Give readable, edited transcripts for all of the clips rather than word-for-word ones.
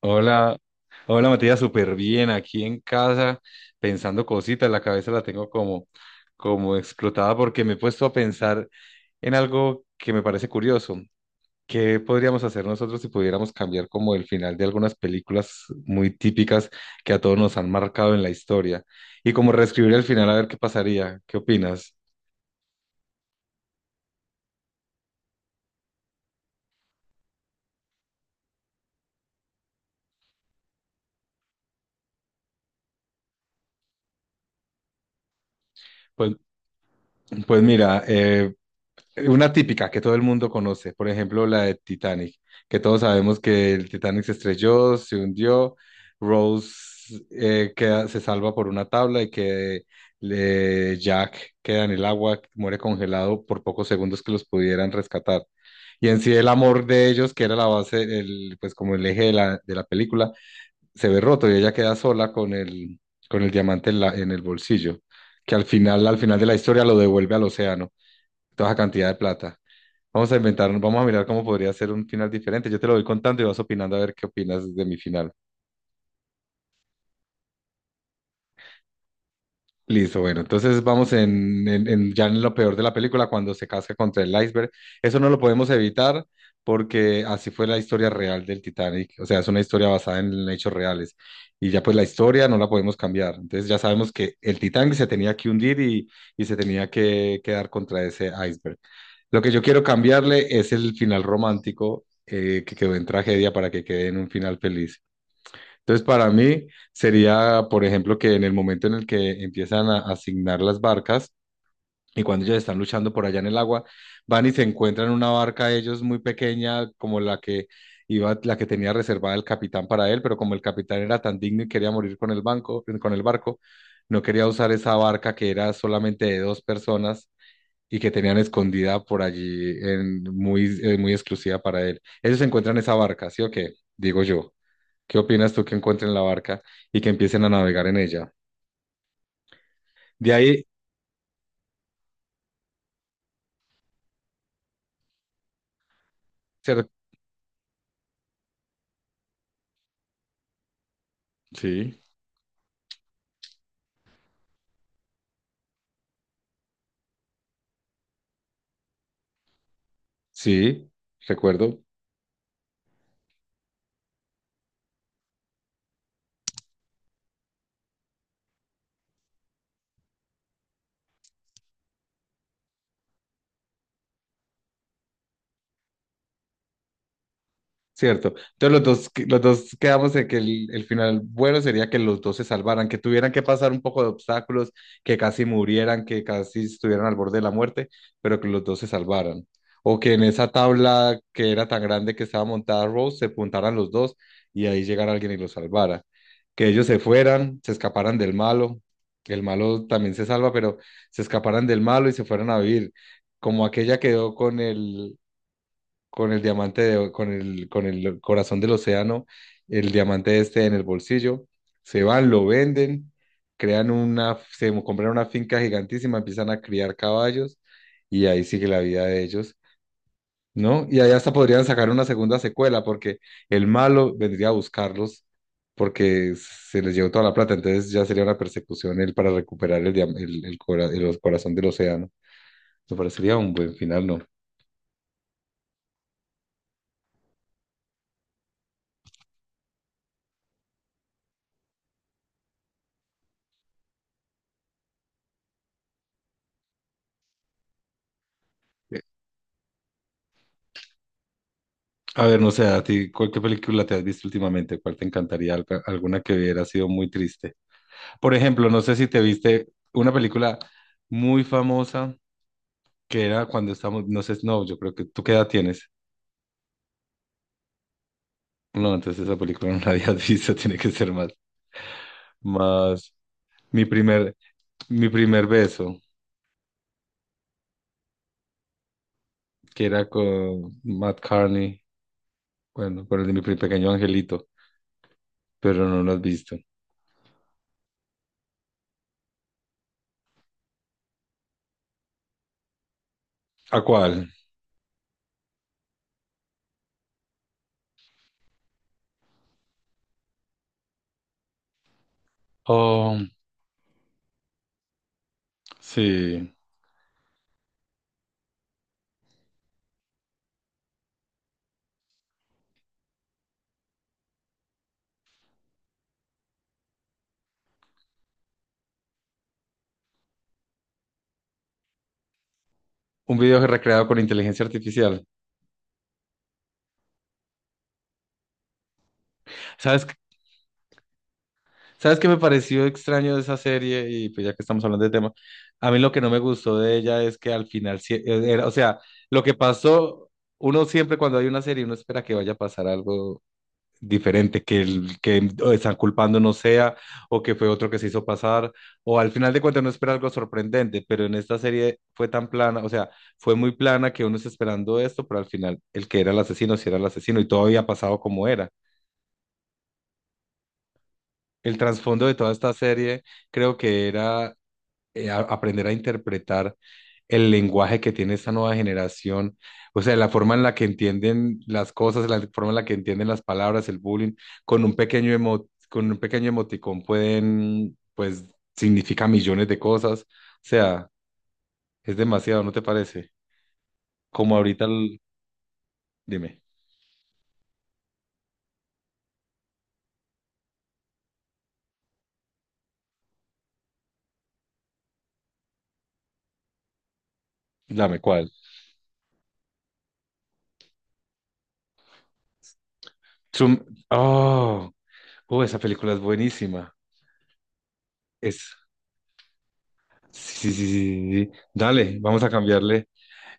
Hola, hola Matías, súper bien aquí en casa pensando cositas, la cabeza la tengo como, como explotada porque me he puesto a pensar en algo que me parece curioso. ¿Qué podríamos hacer nosotros si pudiéramos cambiar como el final de algunas películas muy típicas que a todos nos han marcado en la historia? Y como reescribir el final a ver qué pasaría, ¿qué opinas? Pues, pues mira, una típica que todo el mundo conoce, por ejemplo, la de Titanic, que todos sabemos que el Titanic se estrelló, se hundió, Rose se salva por una tabla y que Jack queda en el agua, muere congelado por pocos segundos que los pudieran rescatar. Y en sí el amor de ellos, que era la base, el, pues como el eje de de la película, se ve roto y ella queda sola con el diamante en el bolsillo, que al final de la historia lo devuelve al océano, toda esa cantidad de plata. Vamos a inventar, vamos a mirar cómo podría ser un final diferente. Yo te lo voy contando y vas opinando a ver qué opinas de mi final. Listo, bueno, entonces vamos ya en lo peor de la película, cuando se casca contra el iceberg. Eso no lo podemos evitar porque así fue la historia real del Titanic. O sea, es una historia basada en hechos reales. Y ya pues la historia no la podemos cambiar. Entonces ya sabemos que el Titanic se tenía que hundir y se tenía que quedar contra ese iceberg. Lo que yo quiero cambiarle es el final romántico que quedó en tragedia para que quede en un final feliz. Entonces, para mí sería, por ejemplo, que en el momento en el que empiezan a asignar las barcas y cuando ellos están luchando por allá en el agua, van y se encuentran una barca ellos muy pequeña como la que iba, la que tenía reservada el capitán para él, pero como el capitán era tan digno y quería morir con el banco, con el barco, no quería usar esa barca que era solamente de dos personas y que tenían escondida por allí en, muy, muy exclusiva para él. Ellos encuentran esa barca, ¿sí o qué? Digo yo. ¿Qué opinas tú que encuentren la barca y que empiecen a navegar en ella? De ahí, se re- sí, sí, recuerdo. Cierto. Entonces los dos quedamos en que el final bueno sería que los dos se salvaran, que tuvieran que pasar un poco de obstáculos, que casi murieran, que casi estuvieran al borde de la muerte, pero que los dos se salvaran. O que en esa tabla que era tan grande que estaba montada Rose, se puntaran los dos y ahí llegara alguien y los salvara. Que ellos se fueran, se escaparan del malo, que el malo también se salva, pero se escaparan del malo y se fueran a vivir. Como aquella quedó con el diamante con el corazón del océano, el diamante este en el bolsillo, se van, lo venden, crean una, compran una finca gigantísima, empiezan a criar caballos y ahí sigue la vida de ellos, ¿no? Y ahí hasta podrían sacar una segunda secuela porque el malo vendría a buscarlos porque se les llevó toda la plata, entonces ya sería una persecución él para recuperar el, el, el corazón del océano. Me parecería un buen final, ¿no? A ver, no sé, a ti, ¿cuál ¿qué película te has visto últimamente? ¿Cuál te encantaría? Alguna que hubiera sido muy triste. Por ejemplo, no sé si te viste una película muy famosa que era cuando estamos, no sé, no, yo creo que tú qué edad tienes. No, entonces esa película no la habías visto, tiene que ser más, más. Mi primer, mi primer beso, que era con Matt Carney, bueno, con el de mi pequeño angelito, pero no lo has visto. ¿A cuál? Oh, sí, un video recreado con inteligencia artificial. ¿Sabes ¿sabes qué me pareció extraño de esa serie? Y pues ya que estamos hablando de tema, a mí lo que no me gustó de ella es que al final, era, o sea, lo que pasó, uno siempre cuando hay una serie, uno espera que vaya a pasar algo diferente, que el que están culpando no sea, o que fue otro que se hizo pasar, o al final de cuentas uno espera algo sorprendente, pero en esta serie fue tan plana, o sea, fue muy plana que uno está esperando esto, pero al final el que era el asesino, sí era el asesino, y todo había pasado como era. El trasfondo de toda esta serie creo que era aprender a interpretar el lenguaje que tiene esta nueva generación, o sea, la forma en la que entienden las cosas, la forma en la que entienden las palabras, el bullying, con un pequeño con un pequeño emoticón pueden, pues, significa millones de cosas, o sea, es demasiado, ¿no te parece? Como ahorita, dime, dame cuál. Zoom- oh, oh, esa película es buenísima. Es, sí, sí, sí, sí, sí, sí. Dale, vamos a cambiarle.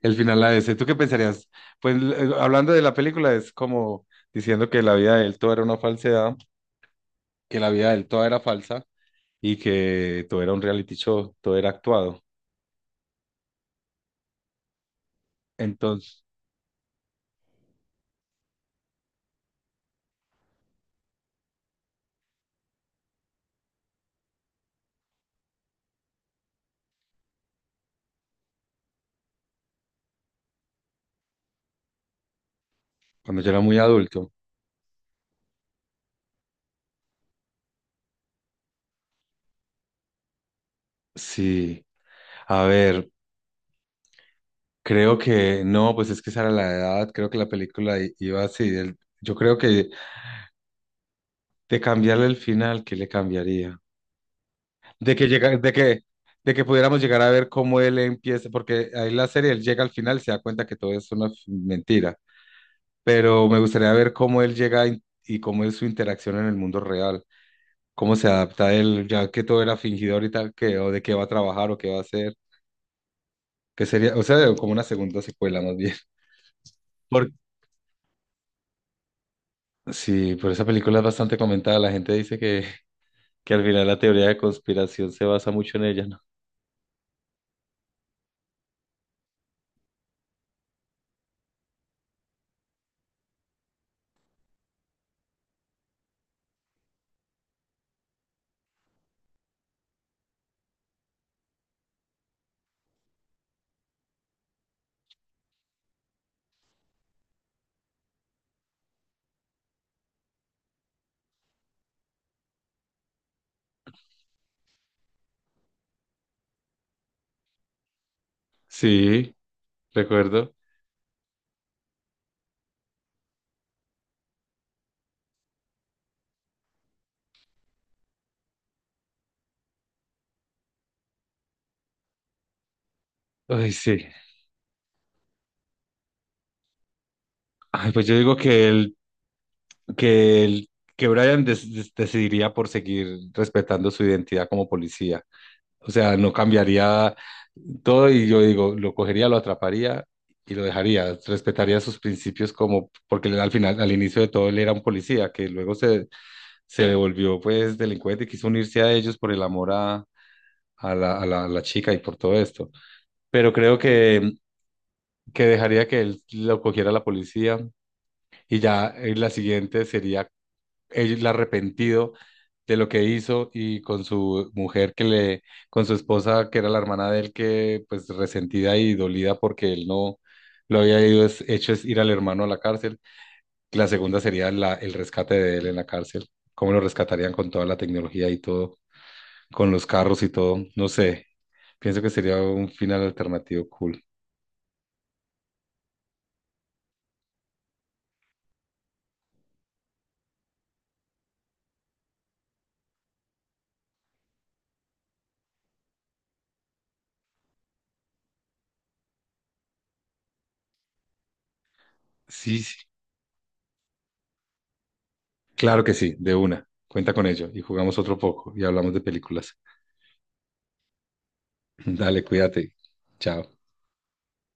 El final la ese. ¿Tú qué pensarías? Pues hablando de la película, es como diciendo que la vida de él todo era una falsedad, que la vida de él toda era falsa y que todo era un reality show, todo era actuado. Entonces, cuando yo era muy adulto, sí, a ver, creo que no, pues es que esa era la edad, creo que la película iba así. Yo creo que de cambiarle el final, ¿qué le cambiaría? de que llega, de que, de que pudiéramos llegar a ver cómo él empieza, porque ahí la serie él llega al final y se da cuenta que todo es una mentira, pero me gustaría ver cómo él llega y cómo es su interacción en el mundo real, cómo se adapta él, ya que todo era fingidor y tal, que, o de qué va a trabajar o qué va a hacer, que sería, o sea, como una segunda secuela más bien. Por, sí, por esa película es bastante comentada, la gente dice que al final la teoría de conspiración se basa mucho en ella, ¿no? Sí, recuerdo. Ay, sí. Ay, pues yo digo que el que, el- que Brian decidiría por seguir respetando su identidad como policía. O sea, no cambiaría todo y yo digo, lo cogería, lo atraparía y lo dejaría. Respetaría sus principios como, porque él al final, al inicio de todo, él era un policía que luego se devolvió pues delincuente y quiso unirse a ellos por el amor a la chica y por todo esto. Pero creo que dejaría que él lo cogiera la policía. Y ya la siguiente sería él arrepentido de lo que hizo y con su mujer con su esposa que era la hermana de él que pues resentida y dolida porque él no lo había ido, hecho es ir al hermano a la cárcel. La segunda sería el rescate de él en la cárcel, cómo lo rescatarían con toda la tecnología y todo, con los carros y todo, no sé, pienso que sería un final alternativo cool. Sí, sí, claro que sí, de una, cuenta con ello y jugamos otro poco y hablamos de películas. Dale, cuídate, chao.